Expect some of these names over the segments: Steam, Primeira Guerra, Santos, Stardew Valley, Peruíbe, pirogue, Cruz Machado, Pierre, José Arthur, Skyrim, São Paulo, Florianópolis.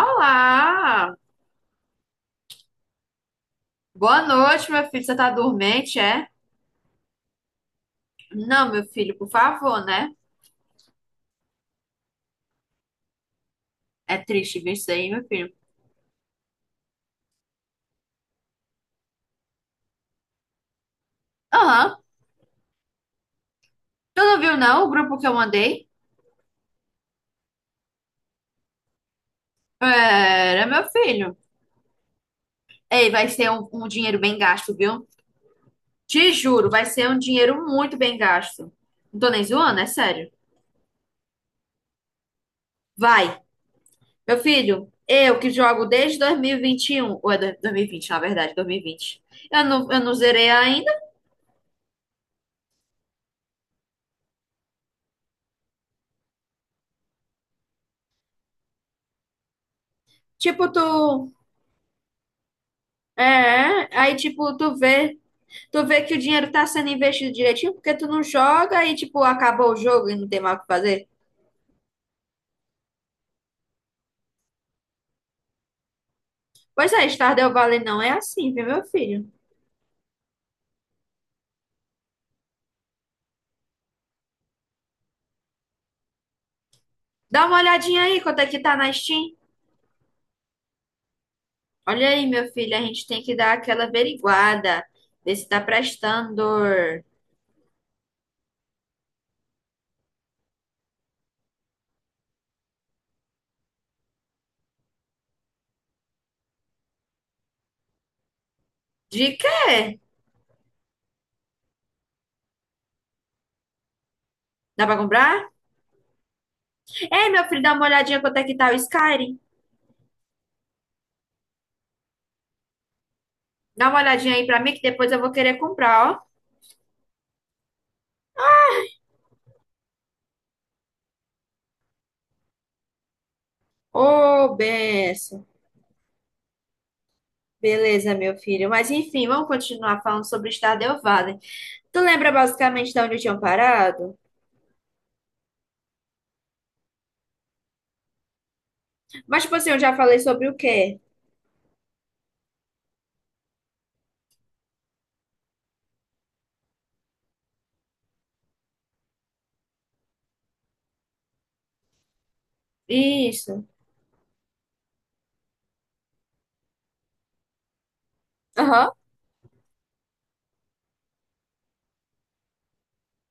Olá! Boa noite, meu filho. Você tá dormente, é? Não, meu filho, por favor, né? É triste ver isso aí, meu filho. Aham. Tu não viu, não, o grupo que eu mandei? Era, meu filho. Ei, vai ser um dinheiro bem gasto, viu? Te juro, vai ser um dinheiro muito bem gasto. Não tô nem zoando, é sério. Vai. Meu filho, eu que jogo desde dois mil e vinte e um ou é 2020? Na verdade, 2020. Eu não zerei ainda. Tipo, tu. É, aí, tipo, tu vê. Tu vê que o dinheiro tá sendo investido direitinho porque tu não joga e, tipo, acabou o jogo e não tem mais o que fazer. Pois é, Stardew Valley não é assim, viu, meu filho? Dá uma olhadinha aí quanto é que tá na Steam. Olha aí, meu filho, a gente tem que dar aquela averiguada, ver se tá prestando. De quê? Dá pra comprar? Ei, meu filho, dá uma olhadinha quanto é que tá o Skyrim. Dá uma olhadinha aí pra mim que depois eu vou querer comprar, ó. Ô, benção. Beleza, meu filho. Mas enfim, vamos continuar falando sobre Stardew Valley. Tu lembra basicamente de onde eu tinha parado? Mas, tipo assim, eu já falei sobre o quê? Isso. Aham.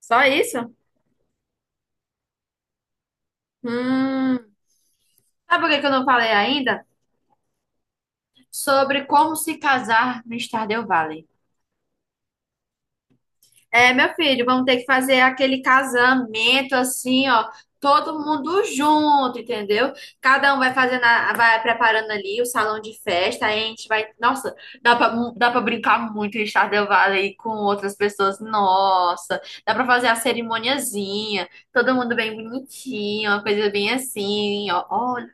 Só isso? Hum. Sabe por que que eu não falei ainda? Sobre como se casar no Stardew Valley. É, meu filho, vamos ter que fazer aquele casamento assim, ó, todo mundo junto, entendeu? Cada um vai fazendo, vai preparando ali o salão de festa, aí a gente vai, nossa, dá pra brincar muito em Stardew Valley com outras pessoas, nossa, dá pra fazer a cerimoniazinha, todo mundo bem bonitinho, uma coisa bem assim, ó, olha,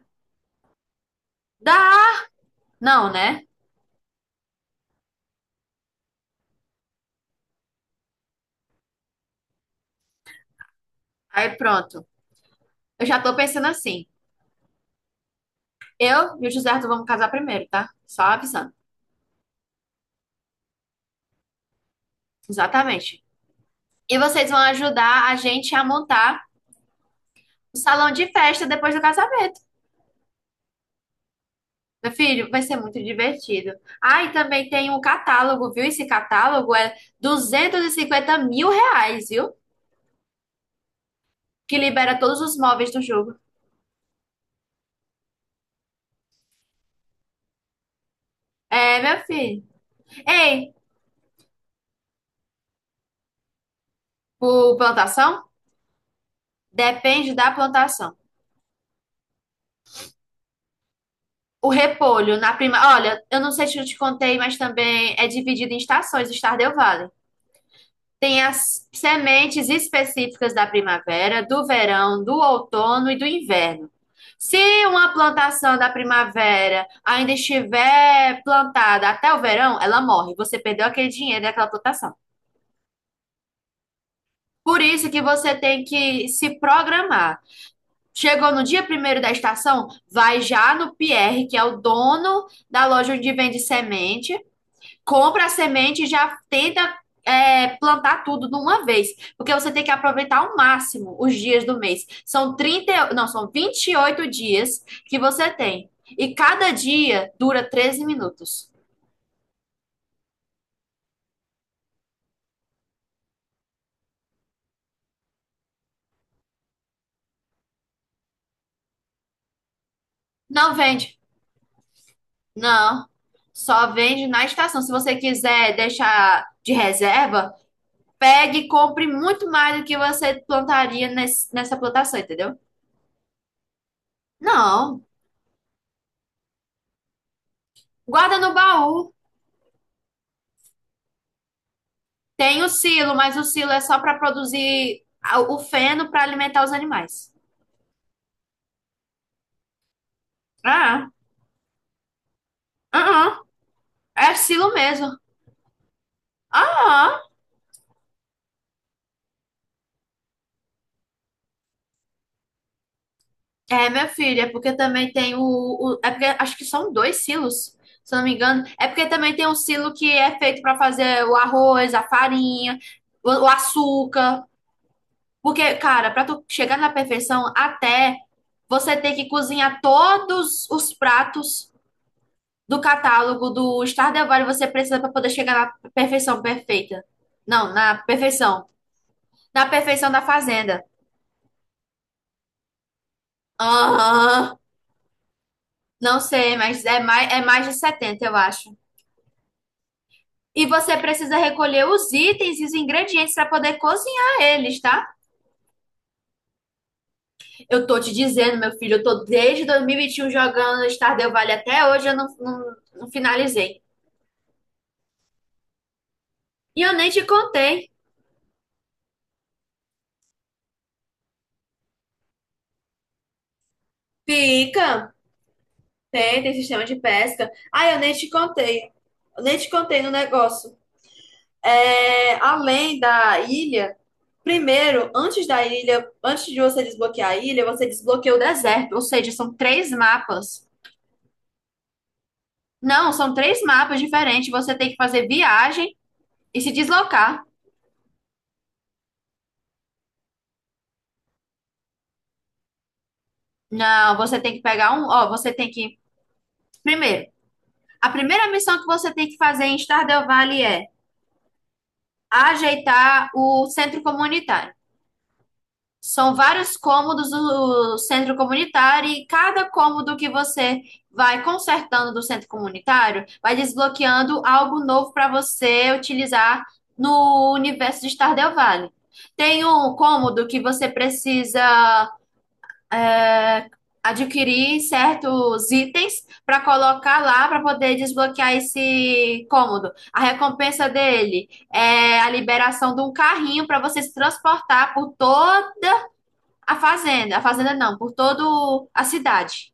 dá, não, né? Aí pronto, eu já tô pensando assim, eu e o José Arthur vamos casar primeiro, tá? Só avisando, exatamente. E vocês vão ajudar a gente a montar o salão de festa depois do casamento. Meu filho, vai ser muito divertido. Ah, e também tem um catálogo, viu? Esse catálogo é 250 mil reais, viu? Que libera todos os móveis do jogo. É, meu filho. Ei, por plantação? Depende da plantação. O repolho na prima. Olha, eu não sei se eu te contei, mas também é dividido em estações, o Stardew Valley. Tem as sementes específicas da primavera, do verão, do outono e do inverno. Se uma plantação da primavera ainda estiver plantada até o verão, ela morre. Você perdeu aquele dinheiro daquela plantação. Por isso que você tem que se programar. Chegou no dia primeiro da estação, vai já no Pierre, que é o dono da loja onde vende semente, compra a semente e já tenta plantar tudo de uma vez, porque você tem que aproveitar ao máximo os dias do mês. São 30, não, são 28 dias que você tem. E cada dia dura 13 minutos. Não vende. Não. Só vende na estação. Se você quiser deixar de reserva, pegue e compre muito mais do que você plantaria nessa plantação, entendeu? Não. Guarda no baú. Tem o silo, mas o silo é só para produzir o feno para alimentar os animais. Ah, ah, ah. É silo mesmo. Ah, ah. É, meu filho, é porque também tem é porque acho que são dois silos, se eu não me engano. É porque também tem um silo que é feito para fazer o arroz, a farinha, o açúcar. Porque, cara, para tu chegar na perfeição, até você ter que cozinhar todos os pratos do catálogo do Stardew Valley você precisa para poder chegar na perfeição perfeita. Não, na perfeição. Na perfeição da fazenda. Aham. Não sei, mas é mais de 70 eu acho. E você precisa recolher os itens e os ingredientes para poder cozinhar eles, tá? Eu tô te dizendo, meu filho, eu tô desde 2021 jogando Stardew Valley até hoje, eu não, não, não finalizei. E eu nem te contei. Fica! Tem sistema de pesca. Ah, eu nem te contei. Eu nem te contei no negócio. É, além da ilha, primeiro, antes da ilha, antes de você desbloquear a ilha, você desbloqueia o deserto. Ou seja, são três mapas. Não, são três mapas diferentes. Você tem que fazer viagem e se deslocar. Não, você tem que pegar um. Ó, você tem que. Primeiro, a primeira missão que você tem que fazer em Stardew Valley é ajeitar o centro comunitário. São vários cômodos do centro comunitário e cada cômodo que você vai consertando do centro comunitário vai desbloqueando algo novo para você utilizar no universo de Stardew Valley. Tem um cômodo que você precisa é, adquirir certos itens para colocar lá para poder desbloquear esse cômodo. A recompensa dele é a liberação de um carrinho para você se transportar por toda a fazenda não, por todo a cidade.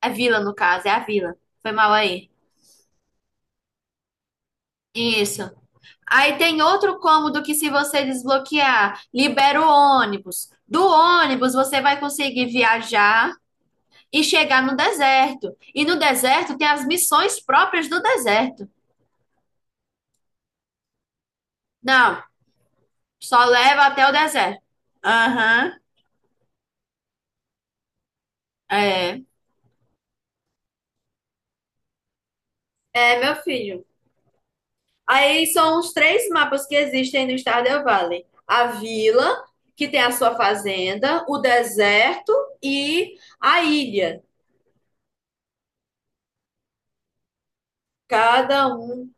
É vila, no caso, é a vila. Foi mal aí. Isso. Aí tem outro cômodo que, se você desbloquear, libera o ônibus. Do ônibus, você vai conseguir viajar e chegar no deserto. E no deserto tem as missões próprias do deserto. Não, só leva até o deserto. Aham, é. É, meu filho. Aí são os três mapas que existem no Stardew Valley. A vila, que tem a sua fazenda, o deserto e a ilha. Cada um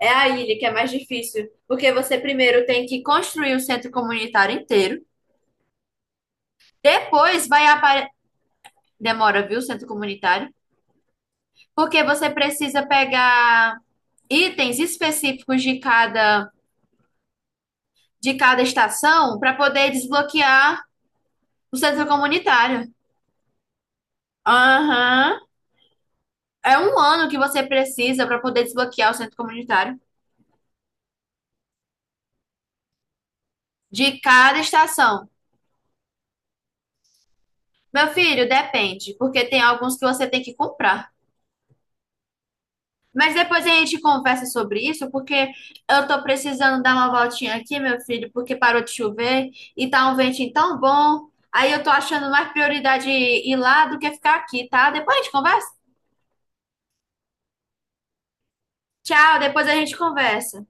é a ilha que é mais difícil, porque você primeiro tem que construir o centro comunitário inteiro. Depois vai aparecer. Demora, viu, o centro comunitário? Porque você precisa pegar itens específicos de cada estação para poder desbloquear o centro comunitário. Aham. É um ano que você precisa para poder desbloquear o centro comunitário de cada estação. Meu filho, depende, porque tem alguns que você tem que comprar. Mas depois a gente conversa sobre isso, porque eu tô precisando dar uma voltinha aqui, meu filho, porque parou de chover e tá um ventinho tão bom. Aí eu tô achando mais prioridade ir lá do que ficar aqui, tá? Depois a gente conversa. Tchau, depois a gente conversa.